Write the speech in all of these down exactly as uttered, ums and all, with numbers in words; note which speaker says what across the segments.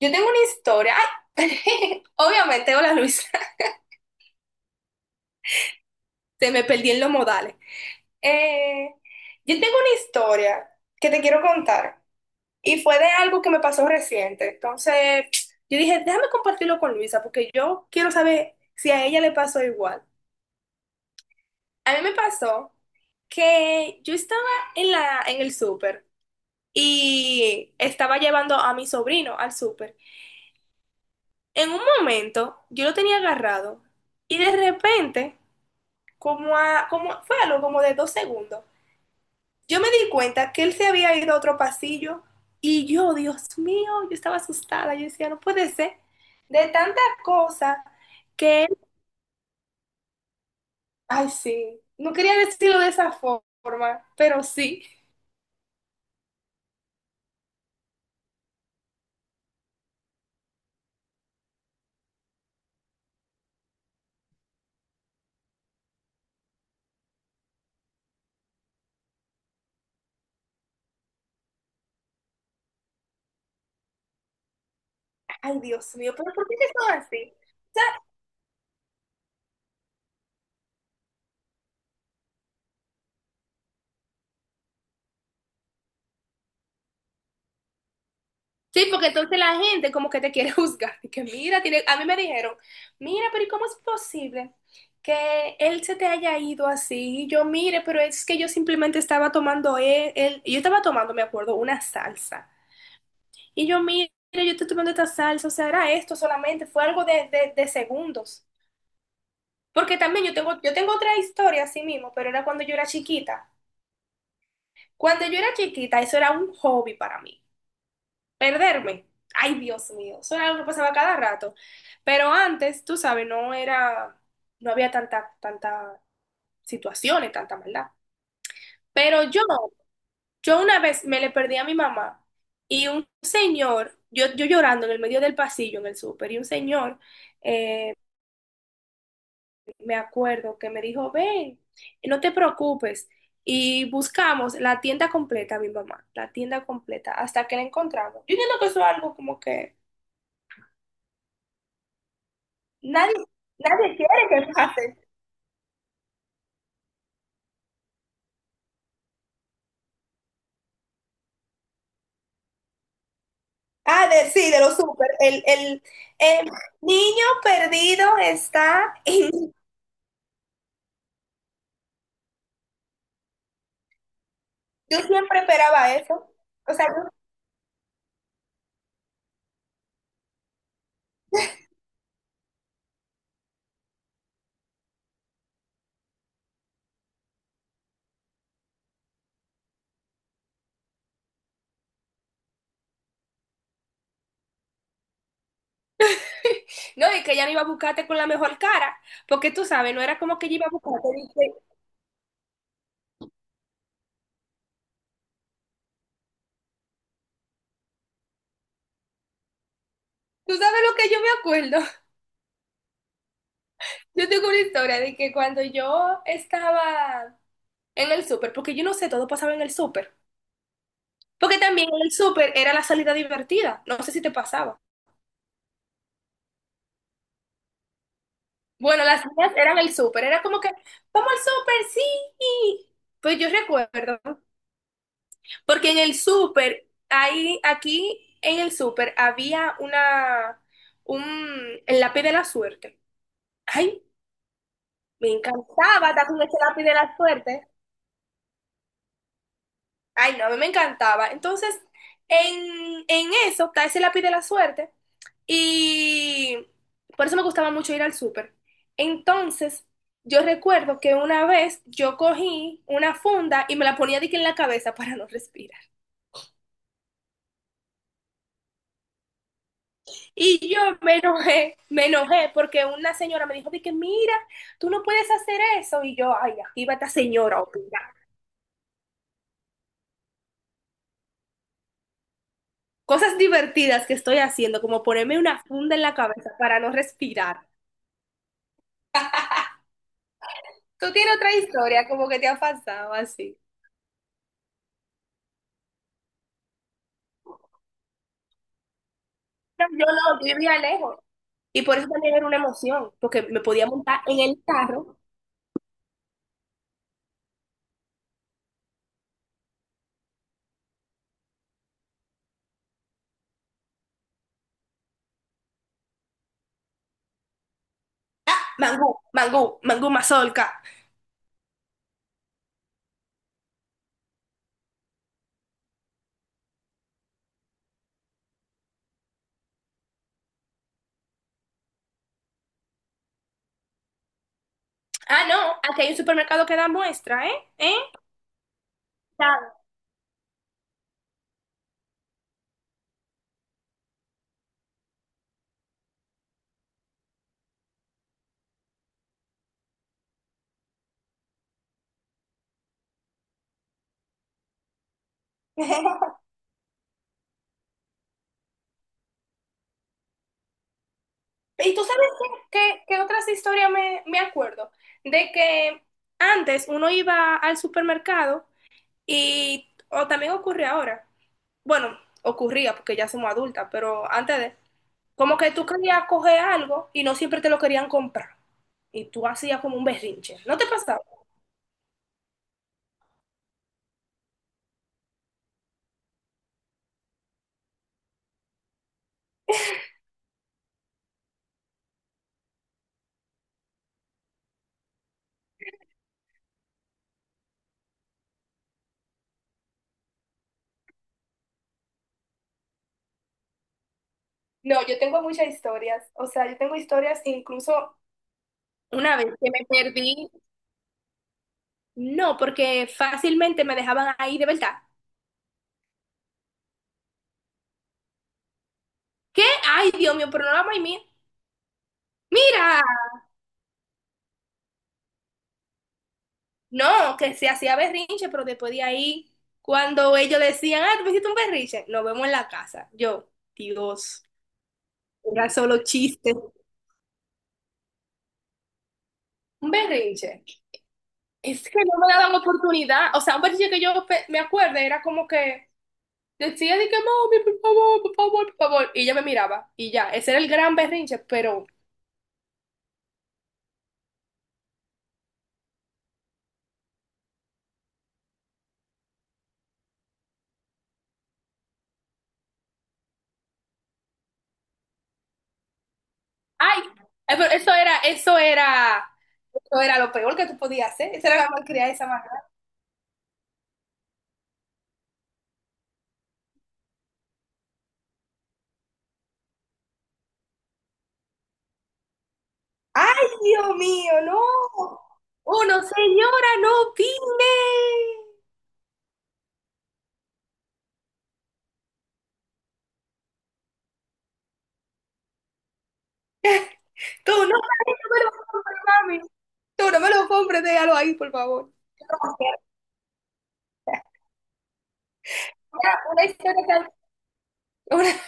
Speaker 1: Yo tengo una historia. ¡Ay! Obviamente, hola Luisa. Se me perdí en los modales. Eh, yo tengo una historia que te quiero contar. Y fue de algo que me pasó reciente. Entonces, yo dije, déjame compartirlo con Luisa, porque yo quiero saber si a ella le pasó igual. A mí me pasó que yo estaba en la, en el súper y estaba llevando a mi sobrino al súper. En un momento yo lo tenía agarrado y de repente, como, a- como fue algo como de dos segundos, yo me di cuenta que él se había ido a otro pasillo y yo, Dios mío, yo estaba asustada, yo decía, no puede ser, de tanta cosa que él, ay sí, no quería decirlo de esa forma, pero sí, ay Dios mío, pero ¿por qué que son así? Sí, porque entonces la gente como que te quiere juzgar. Y que mira, tiene, a mí me dijeron, mira, pero ¿y cómo es posible que él se te haya ido así? Y yo, mire, pero es que yo simplemente estaba tomando él, él- yo estaba tomando, me acuerdo, una salsa. Y yo, mire, yo estoy tomando esta salsa, o sea, era esto solamente, fue algo de, de, de segundos. Porque también yo tengo, yo tengo otra historia así mismo, pero era cuando yo era chiquita. Cuando yo era chiquita, eso era un hobby para mí. Perderme. Ay, Dios mío, eso era algo que pasaba cada rato. Pero antes, tú sabes, no era, no había tanta, tanta situaciones, tanta maldad. Pero yo, yo una vez me le perdí a mi mamá y un señor, yo, yo llorando en el medio del pasillo en el súper, y un señor, eh, me acuerdo que me dijo, ven, no te preocupes. Y buscamos la tienda completa, mi mamá, la tienda completa, hasta que la encontramos. Yo entiendo que eso es algo como que nadie, nadie quiere que pase. Ah, de- sí, de los súper. El, el, el niño perdido está en... Yo siempre esperaba eso. O sea, yo- no, y que ella no iba a buscarte con la mejor cara, porque tú sabes, no era como que ella iba a buscarte. De Tú sabes lo que yo me acuerdo. Yo tengo una historia de que cuando yo estaba en el súper, porque yo no sé, todo pasaba en el súper. Porque también en el súper era la salida divertida. No sé si te pasaba. Bueno, las mías eran el súper, era como que, vamos al súper, sí. Pues yo recuerdo, porque en el súper, ahí, aquí en el súper había una, un, el lápiz de la suerte. Ay, me encantaba estar con ese lápiz de la suerte. Ay, no, a mí me encantaba. Entonces, en, en eso está ese lápiz de la suerte y por eso me gustaba mucho ir al súper. Entonces, yo recuerdo que una vez yo cogí una funda y me la ponía de que en la cabeza para no respirar. Y yo me enojé, me enojé porque una señora me dijo de que mira, tú no puedes hacer eso. Y yo, ay, aquí va esta señora a opinar. Cosas divertidas que estoy haciendo, como ponerme una funda en la cabeza para no respirar. Tú tienes otra historia, como que te ha pasado así. No, yo no, yo vivía lejos. Y por eso también era una emoción, porque me podía montar en el carro. Mangú, mangú, mangú mazorca. Ah, no, aquí hay un supermercado que da muestra, ¿eh? ¿Eh? Claro. Y tú sabes qué, qué- qué otras historias me, me acuerdo. De que antes uno iba al supermercado y, o también ocurre ahora. Bueno, ocurría porque ya somos adultas, pero antes de, como que tú querías coger algo y no siempre te lo querían comprar. Y tú hacías como un berrinche. ¿No te pasaba? No, yo tengo muchas historias. O sea, yo tengo historias incluso una vez que me perdí, no, porque fácilmente me dejaban ahí de verdad. ¿Qué? Ay, Dios mío, pero no la mía. Mira, no, que se hacía berrinche, pero después de ahí, cuando ellos decían, ah, tú hiciste un berrinche, nos vemos en la casa. Yo, Dios, era solo chiste. Un berrinche. Es que no me daban oportunidad. O sea, un ejercicio que yo pe- me acuerdo era como que decía de que, mami, por favor, por favor, por favor. Y ella me miraba. Y ya, ese era el gran berrinche, pero, ay, eh, pero eso era, eso era, eso era lo peor que tú podías hacer. Esa era la malcriada de esa manera. Ay, Dios mío, no. Uno, señora, no opine. Tú no, mami, no me lo compres, mami. Tú no me lo compres, déjalo ahí, por favor. No, era una historia tan.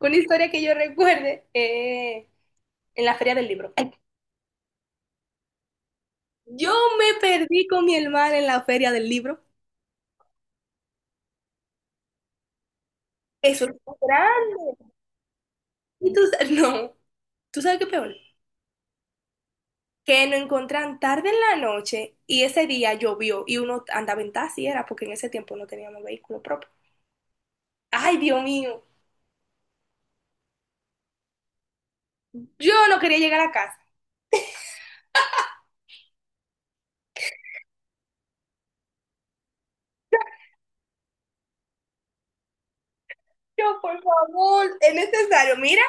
Speaker 1: Una historia que yo recuerde eh, en la feria del libro. Ay, yo me perdí con mi hermana en la feria del libro. Eso es muy grande. Y tú, sa- no, tú sabes qué peor. Que nos encontraron tarde en la noche y ese día llovió y uno andaba en taxi, era porque en ese tiempo no teníamos vehículo propio. Ay, Dios mío, yo no quería llegar a casa. Yo, por favor, es necesario. Mira,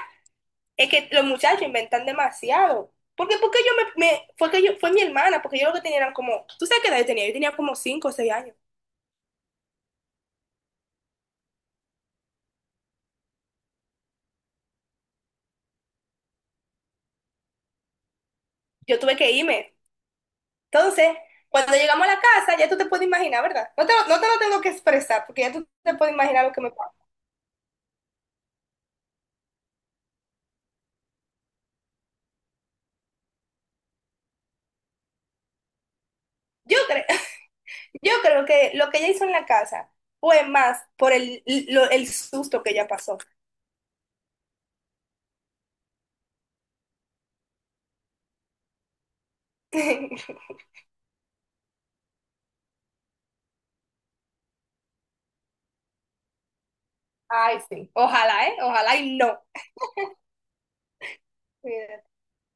Speaker 1: es que los muchachos inventan demasiado. Porque, porque yo me, me- fue que yo, fue mi hermana, porque yo lo que tenía eran como, ¿tú sabes qué edad yo tenía? Yo tenía como cinco, o seis años. Yo tuve que irme. Entonces, cuando llegamos a la casa, ya tú te puedes imaginar, ¿verdad? No te, lo- no te lo tengo que expresar, porque ya tú te puedes imaginar lo que me pasó. Yo creo, yo creo que lo que ella hizo en la casa fue más por el, lo- el susto que ella pasó. Ay, sí. Ojalá, ¿eh? Ojalá y no.